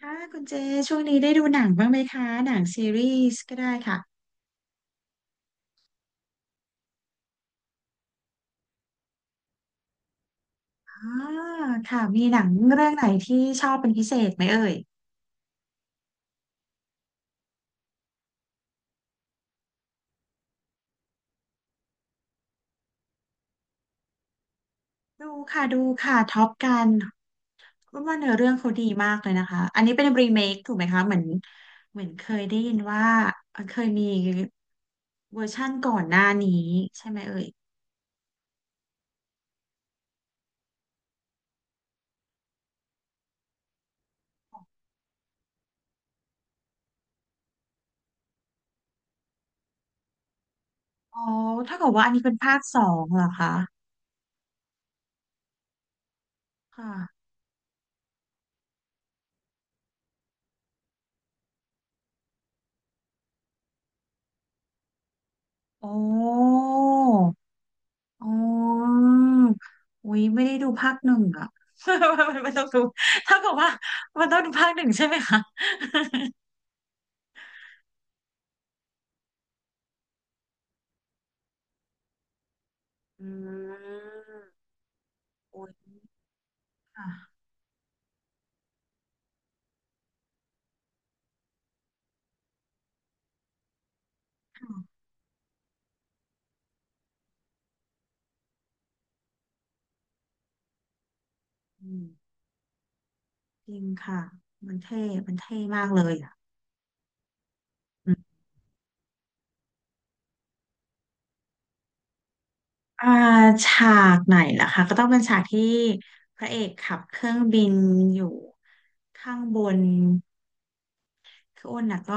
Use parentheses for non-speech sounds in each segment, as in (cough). ค่ะคุณเจช่วงนี้ได้ดูหนังบ้างไหมคะหนังซีรีส์ก็ได้ค่ะอ่าค่ะมีหนังเรื่องไหนที่ชอบเป็นพิเศษไหมเอ่ยดูค่ะดูค่ะท็อปกันว่าเนื้อเรื่องเขาดีมากเลยนะคะอันนี้เป็นรีเมคถูกไหมคะเหมือนเคยได้ยินว่าเคยมีเวอร์ชั่นก่อนหน้านี้ใช่ไหมเอ่ยอ๋อถ้าเกิดว่าอันนี้เป็นภาคสองเหรอคะค่ะโอ้ อ๋ออุ้ยไม่ได้ดูภาคหนึ่งอะ (laughs) ไม่ต้องดูถ้าเกิดว่ามันต้องดูภาคหนึ่งใช่ไหมคะอืมโอ้ยค่ะอืมจริงค่ะมันเท่มันเท่มากเลยอ่ะอืมอ่าฉากไหนล่ะคะก็ต้องเป็นฉากที่พระเอกขับเครื่องบินอยู่ข้างบนคืออ้นน่ะก็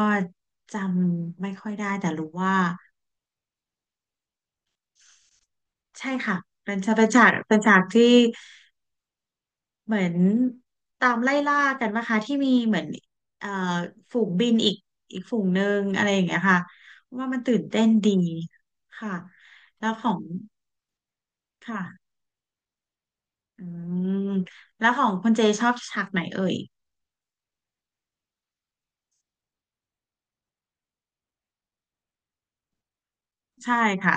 จำไม่ค่อยได้แต่รู้ว่าใช่ค่ะเป็นฉากเป็นฉากเป็นฉากที่ เหมือนตามไล่ล่ากันนะคะที่มีเหมือนเอ่อฝูงบินอีกอีกฝูงหนึ่งอะไรอย่างเงี้ยค่ะว่ามันตื่นเต้นดีค่ะแล้วของค่ะอืมแล้วของคุณเจชอบฉากไหนเอ่ยใช่ค่ะ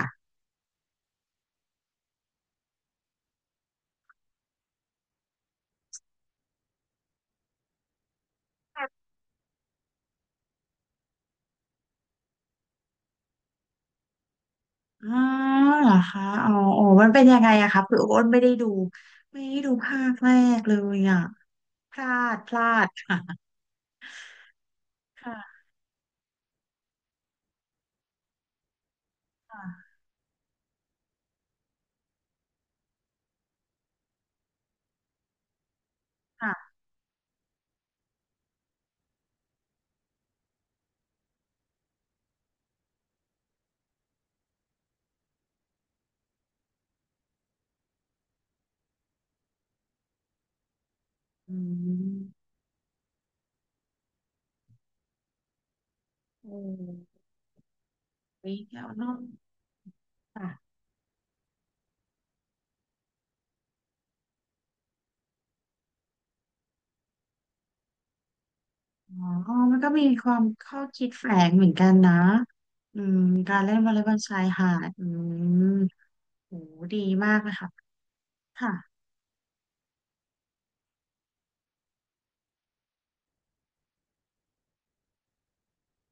อ๋อเหรอคะอ๋ออ๋อมันเป็นยังไงอะคะคือโอ้นไม่ได้ดูภาคแรกเลยอะพลาดพลาดค่ะค่ะค่ะค่ะอืมโอ้ยแล้วเนอะค่ะ อ๋อมันก็มีความข้อคิดแฝงเหมือนกันนะ อืม การเล่นวอลเลย์บอลชายหาด อืมโหดีมากเลยค่ะค่ะ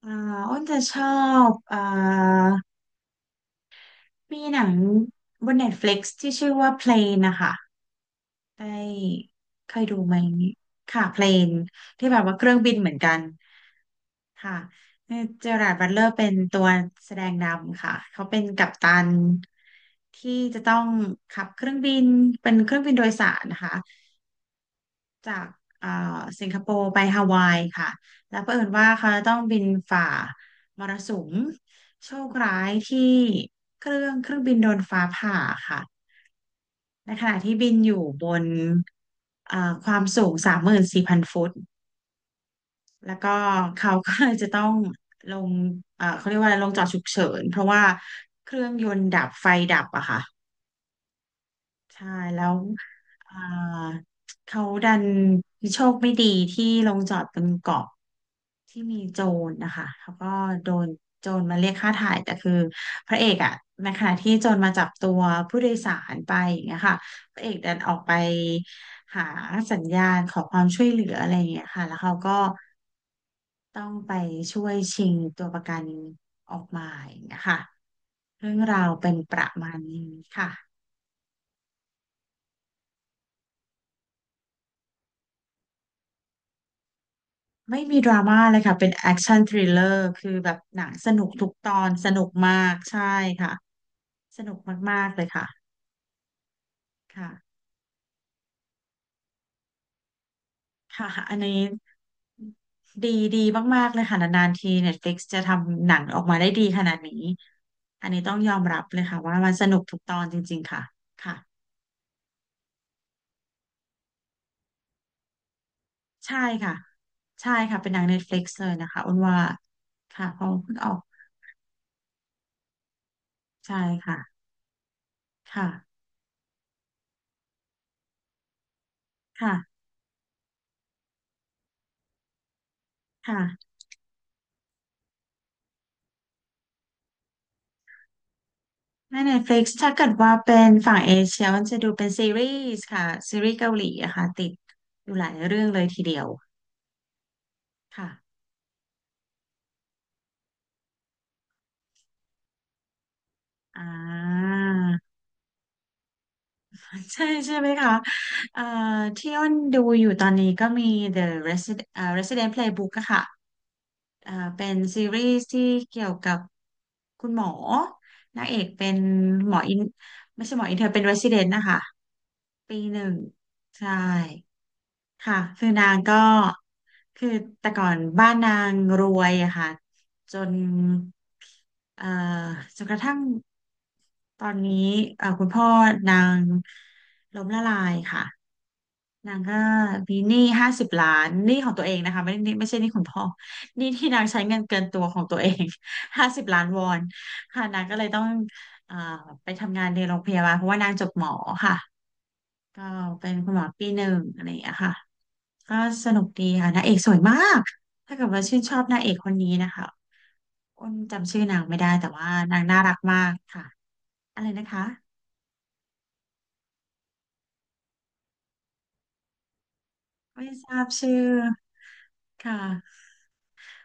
อ่าอ้นจะชอบอ่ามีหนังบน Netflix ที่ชื่อว่า Plane นะคะได้เคยดูไหม ค่ะ Plane ที่แบบว่าเครื่องบินเหมือนกัน ค่ะเจอราร์ดบัตเลอร์เป็นตัวแสดงนำค่ะเขาเป็นกัปตันที่จะต้องขับเครื่องบินเป็นเครื่องบินโดยสารนะคะจากเอ่อสิงคโปร์ไปฮาวายค่ะแล้วเผอิญว่าเขาจะต้องบินฝ่ามรสุมโชคร้ายที่เครื่องบินโดนฟ้าผ่าค่ะในขณะที่บินอยู่บนความสูง34,000 ฟุต แล้วก็เขาก็เลยจะต้องลง (laughs) เขาเรียกว่าอะไรลงจอดฉุกเฉินเพราะว่าเครื่องยนต์ดับไฟดับอะค่ะใช่แล้วเอ่อเขาดันโชคไม่ดีที่ลงจอดบนเกาะที่มีโจรนะคะเขาก็โดนโจรมาเรียกค่าถ่ายแต่คือพระเอกอะในขณะที่โจรมาจับตัวผู้โดยสารไปอย่างเงี้ยค่ะพระเอกดันออกไปหาสัญญาณขอความช่วยเหลืออะไรอย่างเงี้ยค่ะแล้วเขาก็ ต้องไปช่วยชิงตัวประกันออกมาอย่างเงี้ยค่ะเรื่องราวเป็นประมาณนี้ค่ะไม่มีดราม่าเลยค่ะเป็นแอคชั่นทริลเลอร์คือแบบหนังสนุกทุกตอนสนุกมากใช่ค่ะสนุกมากๆเลยค่ะค่ะค่ะอันนี้ดีดีมากๆเลยค่ะนานๆที Netflix จะทำหนังออกมาได้ดีขนาดนี้อันนี้ต้องยอมรับเลยค่ะว่ามันสนุกทุกตอนจริงๆค่ะค่ะ ใช่ค่ะ ใช่ค่ะเป็นหนัง Netflix เลยนะคะอ้นว่าค่ะเพอเพิ่งออกใช่ค่ะค่ะค่ะค่ะใน Netflix ถ้าเกิดว่าเป็นฝั่งเอเชียมันจะดูเป็นซีรีส์ค่ะซีรีส์เกาหลีอะค่ะติดอยู่หลายเรื่องเลยทีเดียวค่ะอ่า ใช่ใช่ไหมคะเอ่อที่อ้นดูอยู่ตอนนี้ก็มี The Resident Resident Playbook อะค่ะเป็นซีรีส์ที่เกี่ยวกับคุณหมอนางเอกเป็นหมออินไม่ใช่หมออินเธอเป็น Resident นะคะ ปีหนึ่งใช่ ค่ะคือนางก็คือแต่ก่อนบ้านนางรวยอะค่ะจนเอ่อจนกระทั่งตอนนี้คุณพ่อนางล้มละลายค่ะนางก็มีหนี้ห้าสิบล้านหนี้ของตัวเองนะคะไม่ได้หนี้ไม่ใช่หนี้คุณพ่อหนี้ที่นางใช้เงินเกินตัวของตัวเอง (laughs) 50 ล้านวอนค่ะนางก็เลยต้องเอ่อไปทำงานในโรงพยาบาลเพราะว่านางจบหมอค่ะก็เป็นคุณหมอปีหนึ่งอะไรอย่างเงี้ยค่ะ ก็สนุกดีค่ะนางเอกสวยมากถ้าเกิดว่าชื่นชอบนางเอกคนนี้นะคะอ้นจำชื่อนางไม่ได้แต่ว่านางน่ารักมากค่ะอะไรนะคะไม่ทราบชื่อค่ะ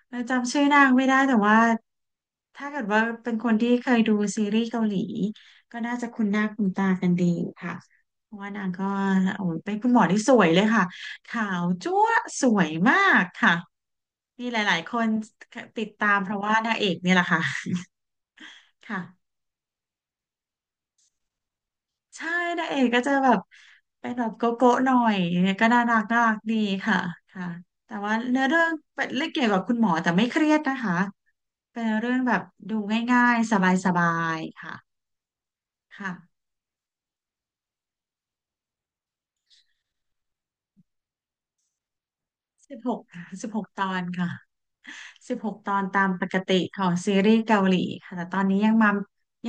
แล้วจำชื่อนางไม่ได้แต่ว่าถ้าเกิดว่าเป็นคนที่เคยดูซีรีส์เกาหลีก็น่าจะคุ้นหน้าคุ้นตากันดีค่ะเพราะว่านางก็โอ้ยเป็นคุณหมอที่สวยเลยค่ะขาวจั๊วะสวยมากค่ะมีหลายๆคนติดตามเพราะว่านางเอกเนี่ยแหละค่ะค่ะ ใช่นางเอกก็จะแบบเป็นแบบโกโก้หน่อยเนี่ยก็น่ารักน่ารักดีค่ะค่ะแต่ว่าเนื้อเรื่องเป็นเรื่องเกี่ยวกับคุณหมอแต่ไม่เครียดนะคะเป็นเรื่องแบบดูง่ายๆสบายๆค่ะค่ะสิบหกตอนค่ะสิบหกตอนตามปกติของซีรีส์เกาหลีค่ะแต่ตอนนี้ยังมา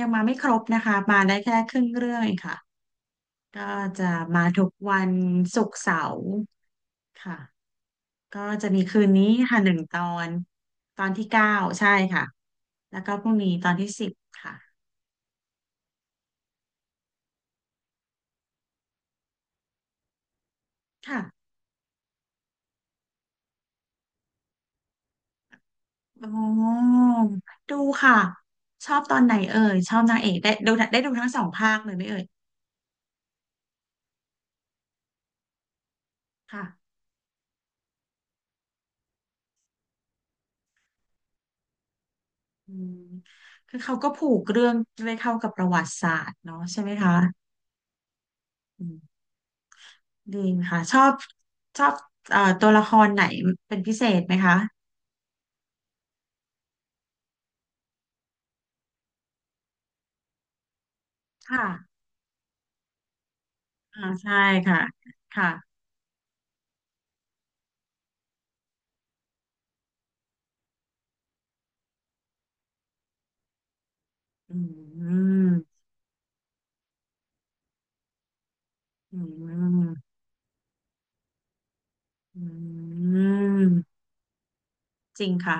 ยังมาไม่ครบนะคะมาได้แค่ครึ่งเรื่องเองค่ะก็จะมาทุกวันศุกร์เสาร์ค่ะ ก็จะมีคืนนี้ค่ะหนึ่งตอนตอนที่ 9ใช่ค่ะแล้วก็พรุ่งนี้ตอนที่ 10ค่ะค่ะโอ้ดูค่ะชอบตอนไหนเอ่ยชอบนางเอกได้ดูทั้งสองภาคเลยไหมเอ่ยค่ะอืมคือเขาก็ผูกเรื่องด้วยเข้ากับประวัติศาสตร์เนาะใช่ไหมคะอืมดีค่ะชอบชอบตัวละครไหนเป็นพิเศษไหมคะค่ะอ่าใช่ค่ะค่ะอืมอืม อืมจริงค่ะ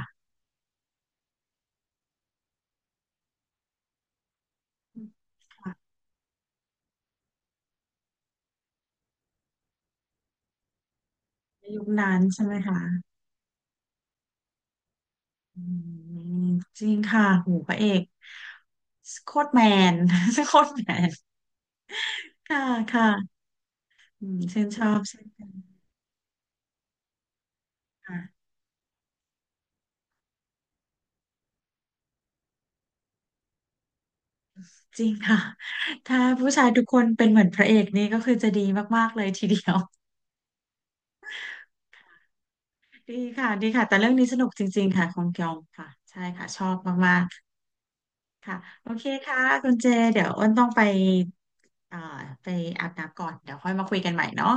ค่ะในยุคนั้นใช่ไหมคะอืมจริงค่ะโหพระเอกโคตรแมน (laughs) โคตรแมนค่ะค่ะอืมชื่นชอบเช่นกันค่ะจริงค่ะถ้าผู้ชายทุกคนเป็นเหมือนพระเอกนี่ก็คือจะดีมากๆเลยทีเดียวดีค่ะดีค่ะแต่เรื่องนี้สนุกจริงๆค่ะของเกยองค่ะใช่ค่ะชอบมากๆค่ะโอเคค่ะคุณเจเดี๋ยวอ้นต้องไปเอ่อไปอาบน้ำก่อนเดี๋ยวค่อยมาคุยกันใหม่เนาะ